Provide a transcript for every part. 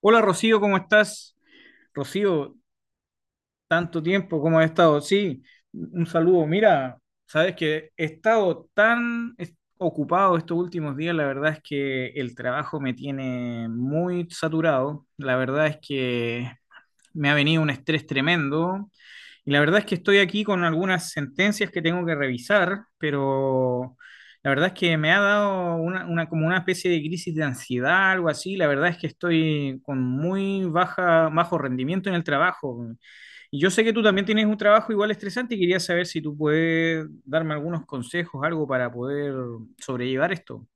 Hola Rocío, ¿cómo estás? Rocío, tanto tiempo, ¿cómo has estado? Sí, un saludo. Mira, sabes que he estado ocupado estos últimos días, la verdad es que el trabajo me tiene muy saturado, la verdad es que me ha venido un estrés tremendo y la verdad es que estoy aquí con algunas sentencias que tengo que revisar, pero la verdad es que me ha dado como una especie de crisis de ansiedad, algo así. La verdad es que estoy con muy bajo rendimiento en el trabajo. Y yo sé que tú también tienes un trabajo igual estresante y quería saber si tú puedes darme algunos consejos, algo para poder sobrellevar esto.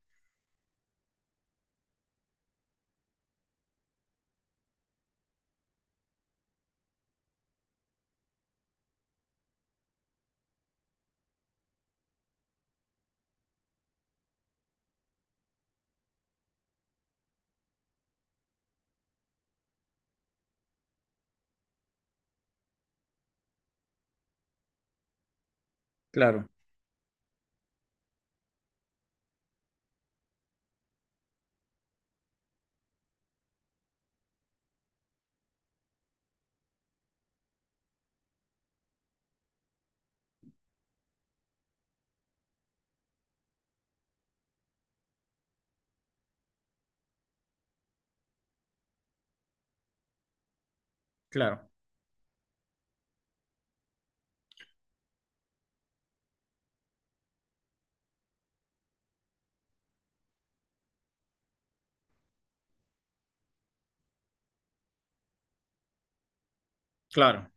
Claro. Claro, claro,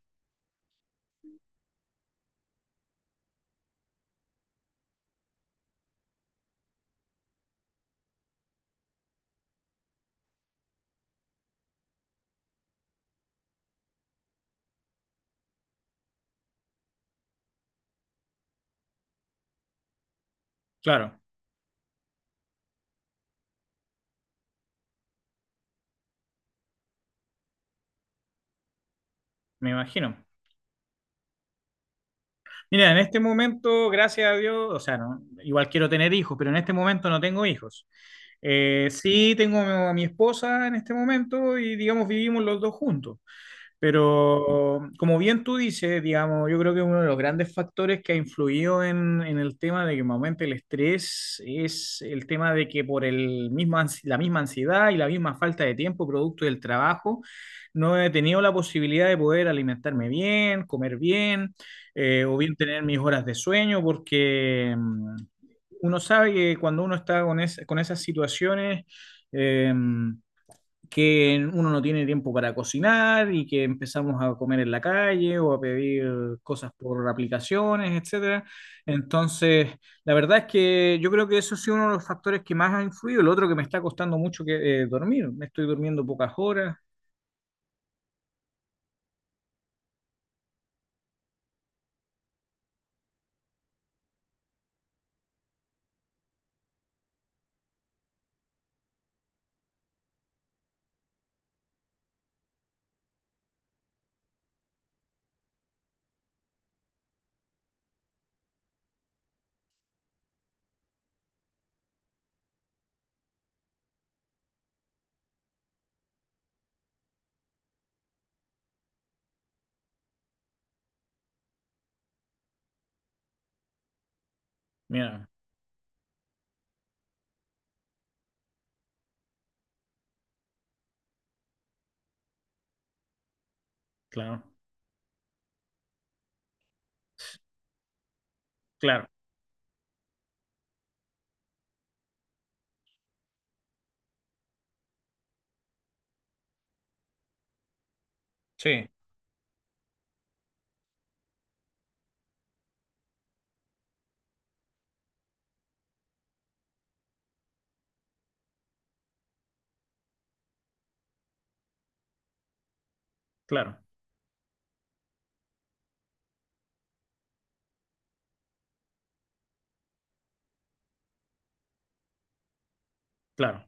claro, me imagino. Mira, en este momento, gracias a Dios, o sea, no, igual quiero tener hijos, pero en este momento no tengo hijos. Sí tengo a mi esposa en este momento y digamos vivimos los dos juntos. Pero como bien tú dices, digamos, yo creo que uno de los grandes factores que ha influido en el tema de que me aumente el estrés es el tema de que por el la misma ansiedad y la misma falta de tiempo producto del trabajo, no he tenido la posibilidad de poder alimentarme bien, comer bien, o bien tener mis horas de sueño, porque uno sabe que cuando uno está con esas situaciones, em, que uno no tiene tiempo para cocinar y que empezamos a comer en la calle o a pedir cosas por aplicaciones, etcétera. Entonces, la verdad es que yo creo que eso ha sido uno de los factores que más ha influido. El otro que me está costando mucho que dormir. Me estoy durmiendo pocas horas. Mira, claro, claro, sí, claro, claro.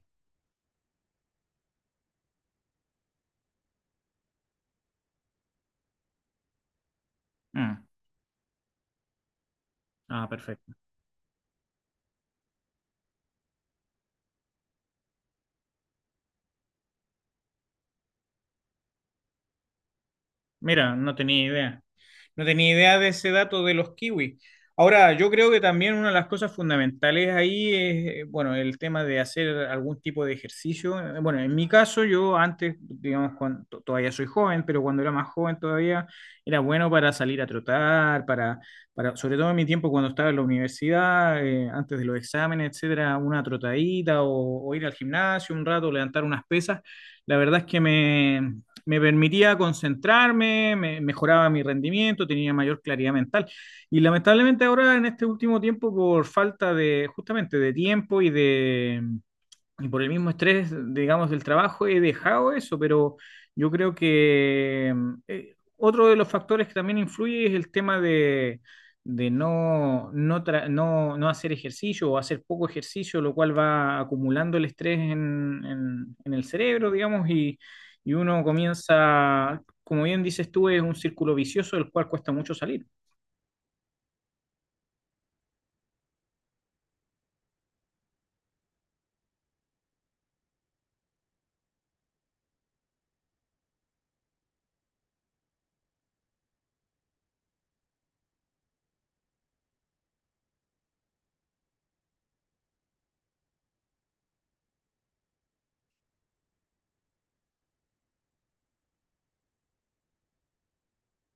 Mm. Ah, perfecto. Mira, no tenía idea. No tenía idea de ese dato de los kiwis. Ahora, yo creo que también una de las cosas fundamentales ahí es, bueno, el tema de hacer algún tipo de ejercicio. Bueno, en mi caso, yo antes, digamos, todavía soy joven, pero cuando era más joven todavía, era bueno para salir a trotar, para sobre todo en mi tiempo cuando estaba en la universidad, antes de los exámenes, etcétera, una trotadita o ir al gimnasio un rato, levantar unas pesas. La verdad es que me permitía concentrarme, me mejoraba mi rendimiento, tenía mayor claridad mental. Y lamentablemente ahora en este último tiempo, por falta de justamente de tiempo y por el mismo estrés, digamos, del trabajo he dejado eso, pero yo creo que otro de los factores que también influye es el tema de no hacer ejercicio o hacer poco ejercicio, lo cual va acumulando el estrés en el cerebro, digamos, y uno comienza, como bien dices tú, es un círculo vicioso del cual cuesta mucho salir.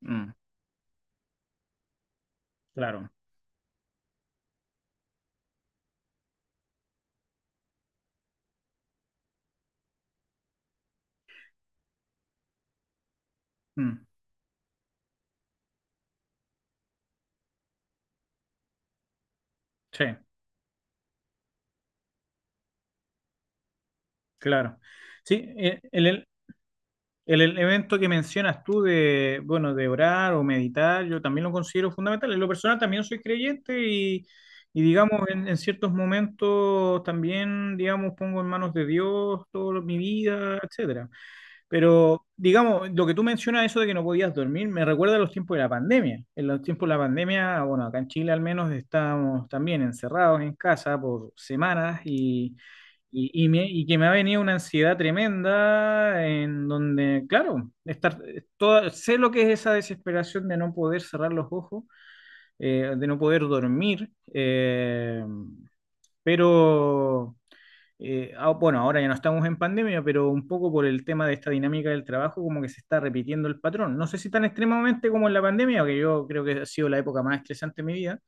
Mm, claro. Mm, sí, claro. Sí, eh, el, El elemento que mencionas tú de, bueno, de orar o meditar, yo también lo considero fundamental. En lo personal también soy creyente y digamos, en ciertos momentos también, digamos, pongo en manos de Dios toda mi vida, etcétera. Pero, digamos, lo que tú mencionas, eso de que no podías dormir, me recuerda a los tiempos de la pandemia. En los tiempos de la pandemia, bueno, acá en Chile al menos estábamos también encerrados en casa por semanas y y que me ha venido una ansiedad tremenda en donde, claro, estar toda, sé lo que es esa desesperación de no poder cerrar los ojos, de no poder dormir, pero, bueno, ahora ya no estamos en pandemia, pero un poco por el tema de esta dinámica del trabajo, como que se está repitiendo el patrón. No sé si tan extremadamente como en la pandemia, que yo creo que ha sido la época más estresante de mi vida,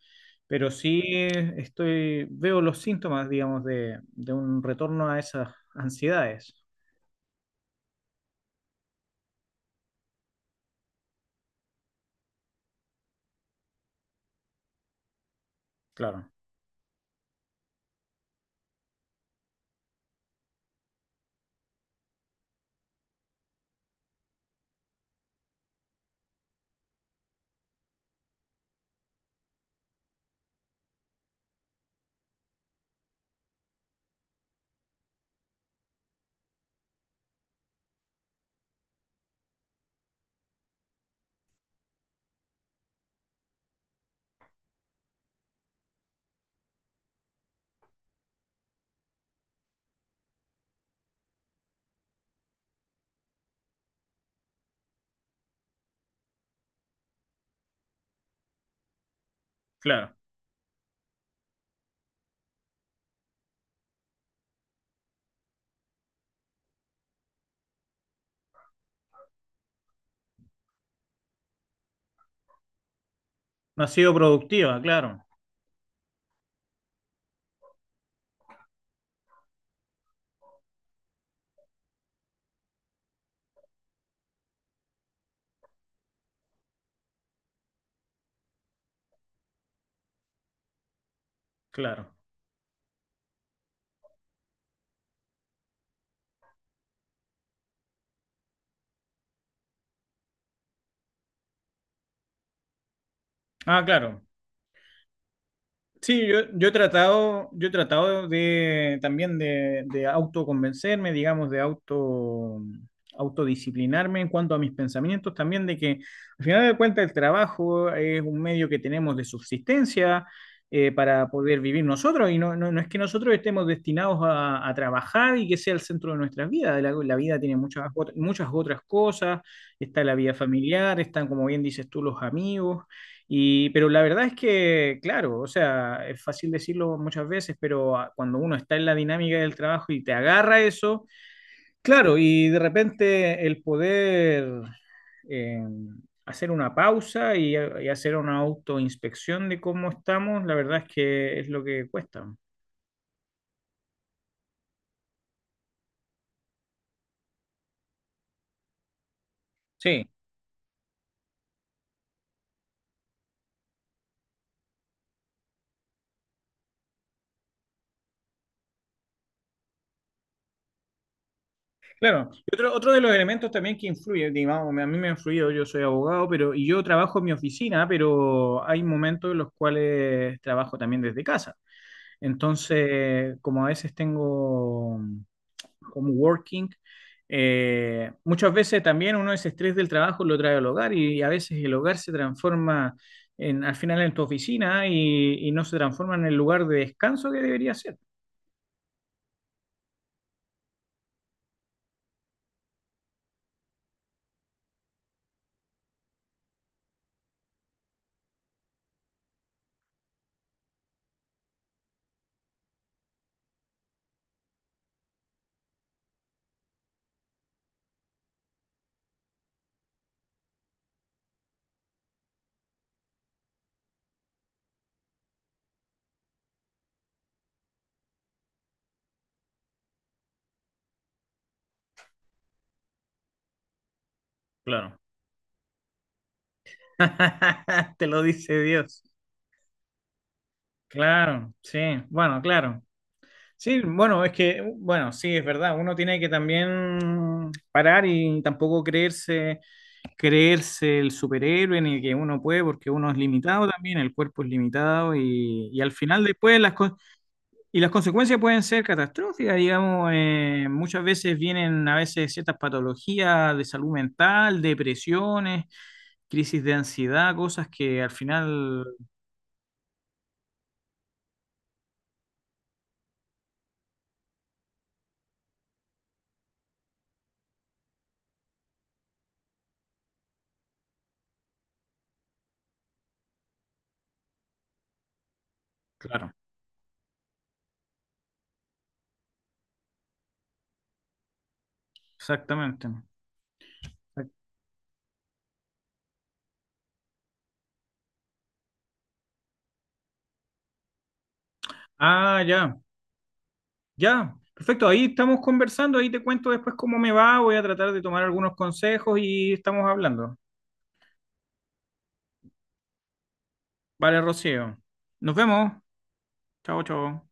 pero sí estoy, veo los síntomas, digamos, de un retorno a esas ansiedades. Claro, claro. No ha sido productiva, claro, claro. Ah, claro. Sí, yo, yo he tratado de también de autoconvencerme, digamos, de auto, autodisciplinarme en cuanto a mis pensamientos, también de que al final de cuentas el trabajo es un medio que tenemos de subsistencia para poder vivir nosotros, y no es que nosotros estemos destinados a trabajar y que sea el centro de nuestras vidas. La vida tiene muchas otras cosas, está la vida familiar, están, como bien dices tú, los amigos. Y, pero la verdad es que, claro, o sea, es fácil decirlo muchas veces, pero cuando uno está en la dinámica del trabajo y te agarra eso, claro, y de repente el poder eh, hacer una pausa y hacer una autoinspección de cómo estamos, la verdad es que es lo que cuesta. Sí, claro. Y otro, otro de los elementos también que influye, digamos, a mí me ha influido, yo soy abogado, pero y yo trabajo en mi oficina, pero hay momentos en los cuales trabajo también desde casa. Entonces, como a veces tengo como working, muchas veces también uno ese estrés del trabajo lo trae al hogar y a veces el hogar se transforma en, al final en tu oficina y no se transforma en el lugar de descanso que debería ser. Claro. Te lo dice Dios. Claro, sí, bueno, claro. Sí, bueno, es que, bueno, sí, es verdad, uno tiene que también parar y tampoco creerse creerse el superhéroe ni que uno puede porque uno es limitado también, el cuerpo es limitado y al final después y las consecuencias pueden ser catastróficas, digamos, muchas veces vienen a veces ciertas patologías de salud mental, depresiones, crisis de ansiedad, cosas que al final, claro, exactamente. Ah, ya, ya. Perfecto, ahí estamos conversando, ahí te cuento después cómo me va, voy a tratar de tomar algunos consejos y estamos hablando. Vale, Rocío. Nos vemos. Chao, chao.